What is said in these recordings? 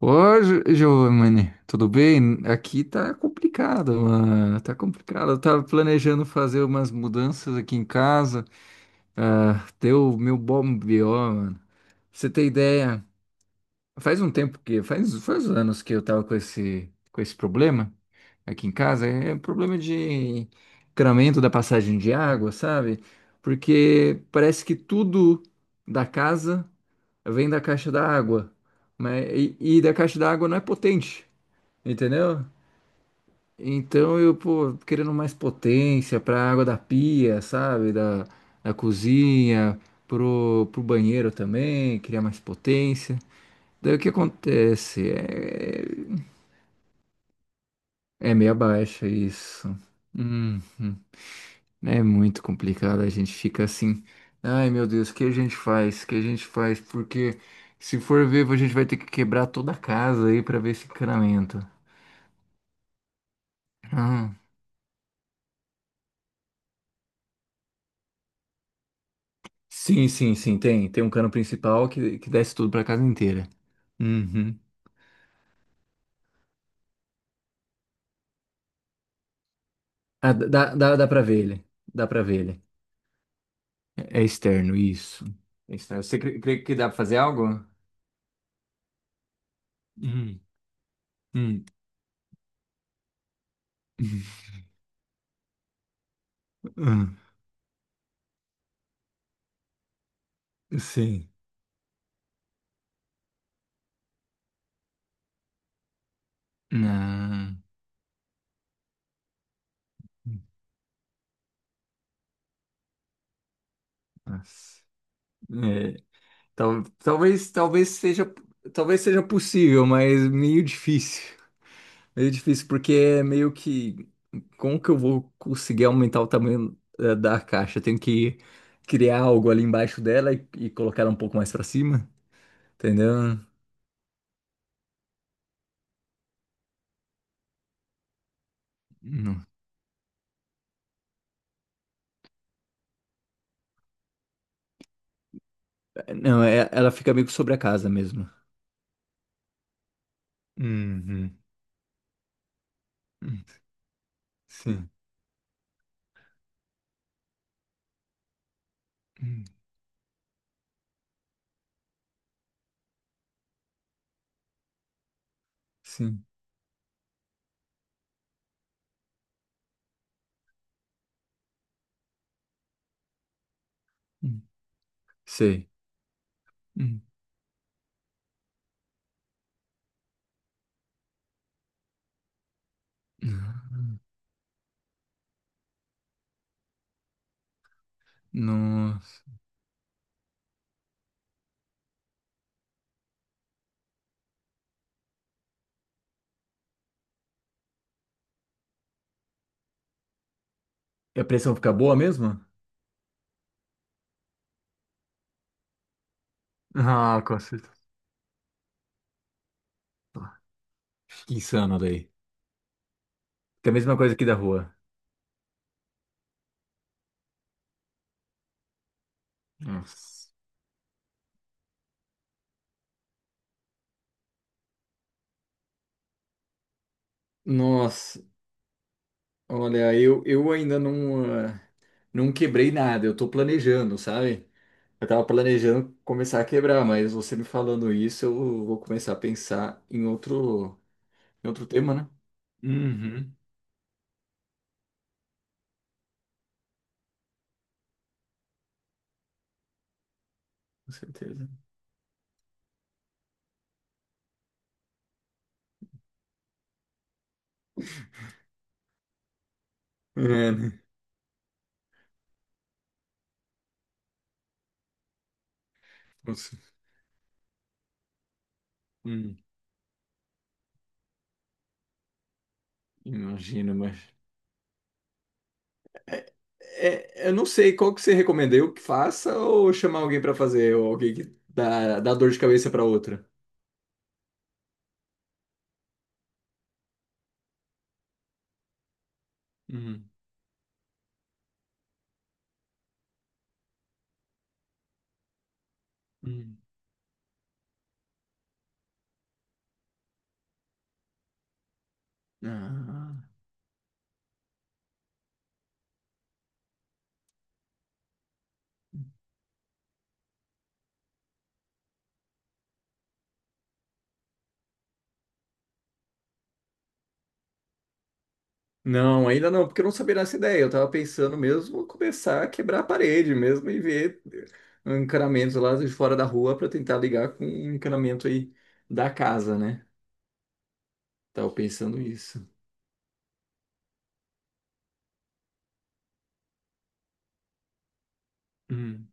Ô, Giovanni, tudo bem? Aqui tá complicado, mano. Tá complicado. Eu tava planejando fazer umas mudanças aqui em casa. Ah, deu meu bom BO, mano. Pra você ter ideia, faz, faz anos que eu tava com esse problema aqui em casa. É um problema de encanamento da passagem de água, sabe? Porque parece que tudo da casa vem da caixa da água. E da caixa d'água não é potente. Entendeu? Então eu, pô, querendo mais potência pra água da pia, sabe? Da cozinha, pro banheiro também, queria mais potência. Daí o que acontece? É meia baixa isso. Uhum. É muito complicado, a gente fica assim. Ai meu Deus, o que a gente faz? O que a gente faz? Porque se for ver, a gente vai ter que quebrar toda a casa aí pra ver esse encanamento. Ah. Sim, sim, sim, tem. Tem um cano principal que desce tudo pra casa inteira. Uhum. Ah, dá pra ver ele. Dá pra ver ele. É externo, isso. É externo. Você crê, crê que dá pra fazer algo? Hum, hum. Hum, Sim. Não. Nossa. É, tal, talvez, talvez seja, talvez seja possível, mas meio difícil. Meio difícil, porque é meio que. Como que eu vou conseguir aumentar o tamanho da caixa? Eu tenho que criar algo ali embaixo dela e colocar ela um pouco mais pra cima, entendeu? Não, ela fica meio que sobre a casa mesmo. Uhum. Hum, Sim. Hum, Sim. Hum, Sei. Hum. Nossa. E a pressão fica boa mesmo? Ah, com certeza. Que insano daí. Que é a mesma coisa aqui da rua. Nossa. Nossa. Olha, eu ainda não, ah, não quebrei nada, eu tô planejando, sabe? Eu tava planejando começar a quebrar, mas você me falando isso, eu vou começar a pensar em outro tema, né? Uhum. Com certeza. É, né? Nossa, hum, imagino, mas. É, é, eu não sei qual que você recomenda, eu que faça ou chamar alguém pra fazer, ou alguém que dá dor de cabeça pra outra? Uhum. Uhum. Ah. Não, ainda não, porque eu não sabia dessa ideia. Eu tava pensando mesmo começar a quebrar a parede mesmo e ver encanamentos lá de fora da rua para tentar ligar com o encanamento aí da casa, né? Tava pensando isso. Hum,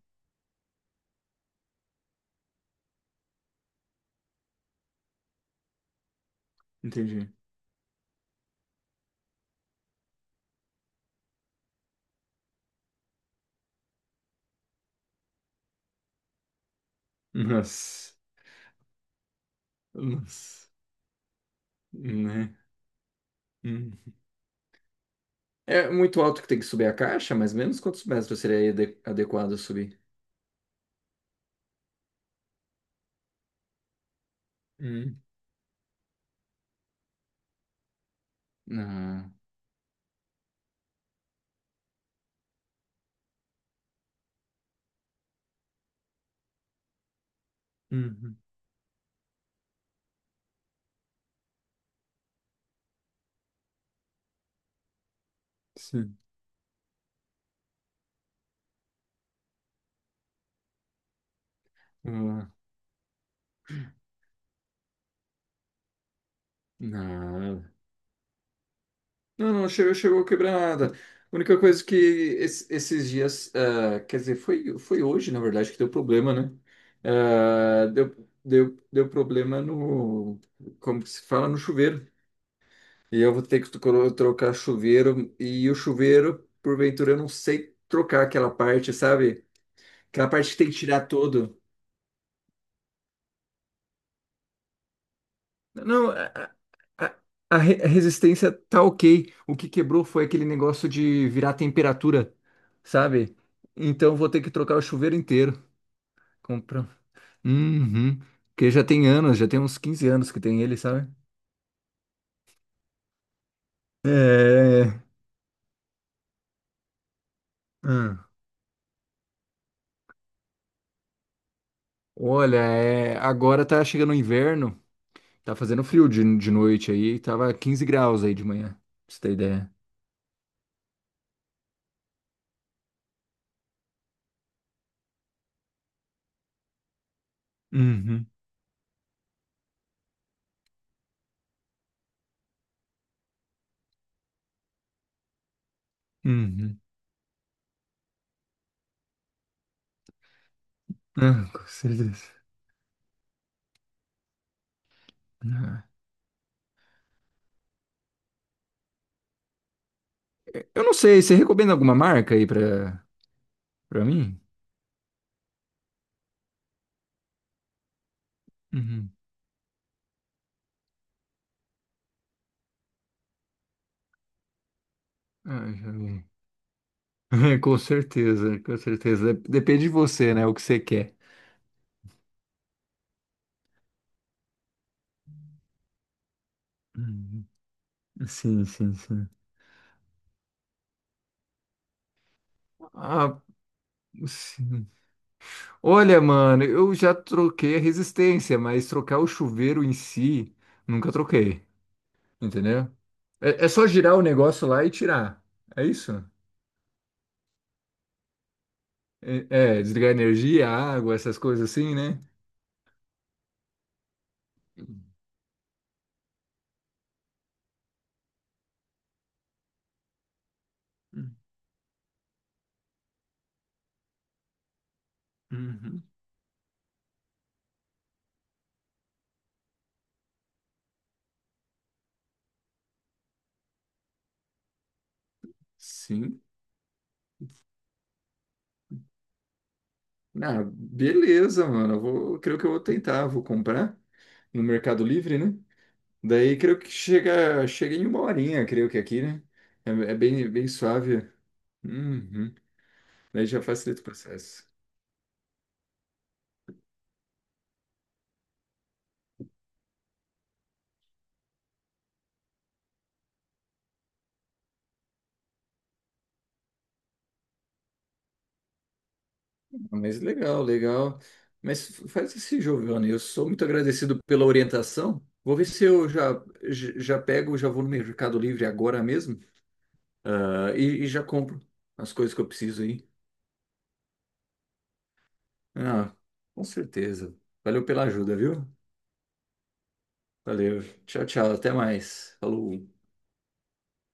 entendi. Nossa, nossa, né? Hum. É muito alto que tem que subir a caixa, mais ou menos quantos metros seria adequado subir? Hum. Ah, uhum, sim. Ah, ah, não, não, chegou a quebrar nada. A única coisa que esses dias, ah, quer dizer, foi hoje, na verdade, que deu problema, né? Ah, deu problema no, como que se fala, no chuveiro. E eu vou ter que trocar chuveiro, e o chuveiro, porventura, eu não sei trocar aquela parte, sabe? Aquela parte que tem que tirar todo. Não, A, a a resistência tá ok. O que quebrou foi aquele negócio de virar temperatura, sabe? Então vou ter que trocar o chuveiro inteiro. Comprar. Uhum. Porque já tem anos, já tem uns 15 anos que tem ele, sabe? É. Hum. Olha, é, agora tá chegando o inverno, tá fazendo frio de noite aí, tava 15 graus aí de manhã, pra você ter ideia. Uhum, uhum. Ah, com certeza. Ah. Eu não sei, você recomenda alguma marca pra mim? Uhum. Ah, já vi. Com certeza, com certeza. Depende de você, né? O que você quer. Uhum. Sim, sim, sim. Ah, sim. Olha, mano, eu já troquei a resistência, mas trocar o chuveiro em si, nunca troquei. Entendeu? É, é só girar o negócio lá e tirar. É isso? É, é, desligar a energia, a água, essas coisas assim, né? Uhum. Sim. Ah, beleza, mano. Eu vou, creio que eu vou tentar, vou comprar no Mercado Livre, né? Daí creio que chega, chega em uma horinha, creio que aqui, né? É, é bem, bem suave. Uhum. Daí já facilita o processo. Ah, mas legal, legal. Mas faz esse Giovanni. Eu sou muito agradecido pela orientação. Vou ver se eu já, já pego, já vou no Mercado Livre agora mesmo, ah, e já compro as coisas que eu preciso aí. Ah, com certeza. Valeu pela ajuda, viu? Valeu. Tchau, tchau. Até mais. Falou.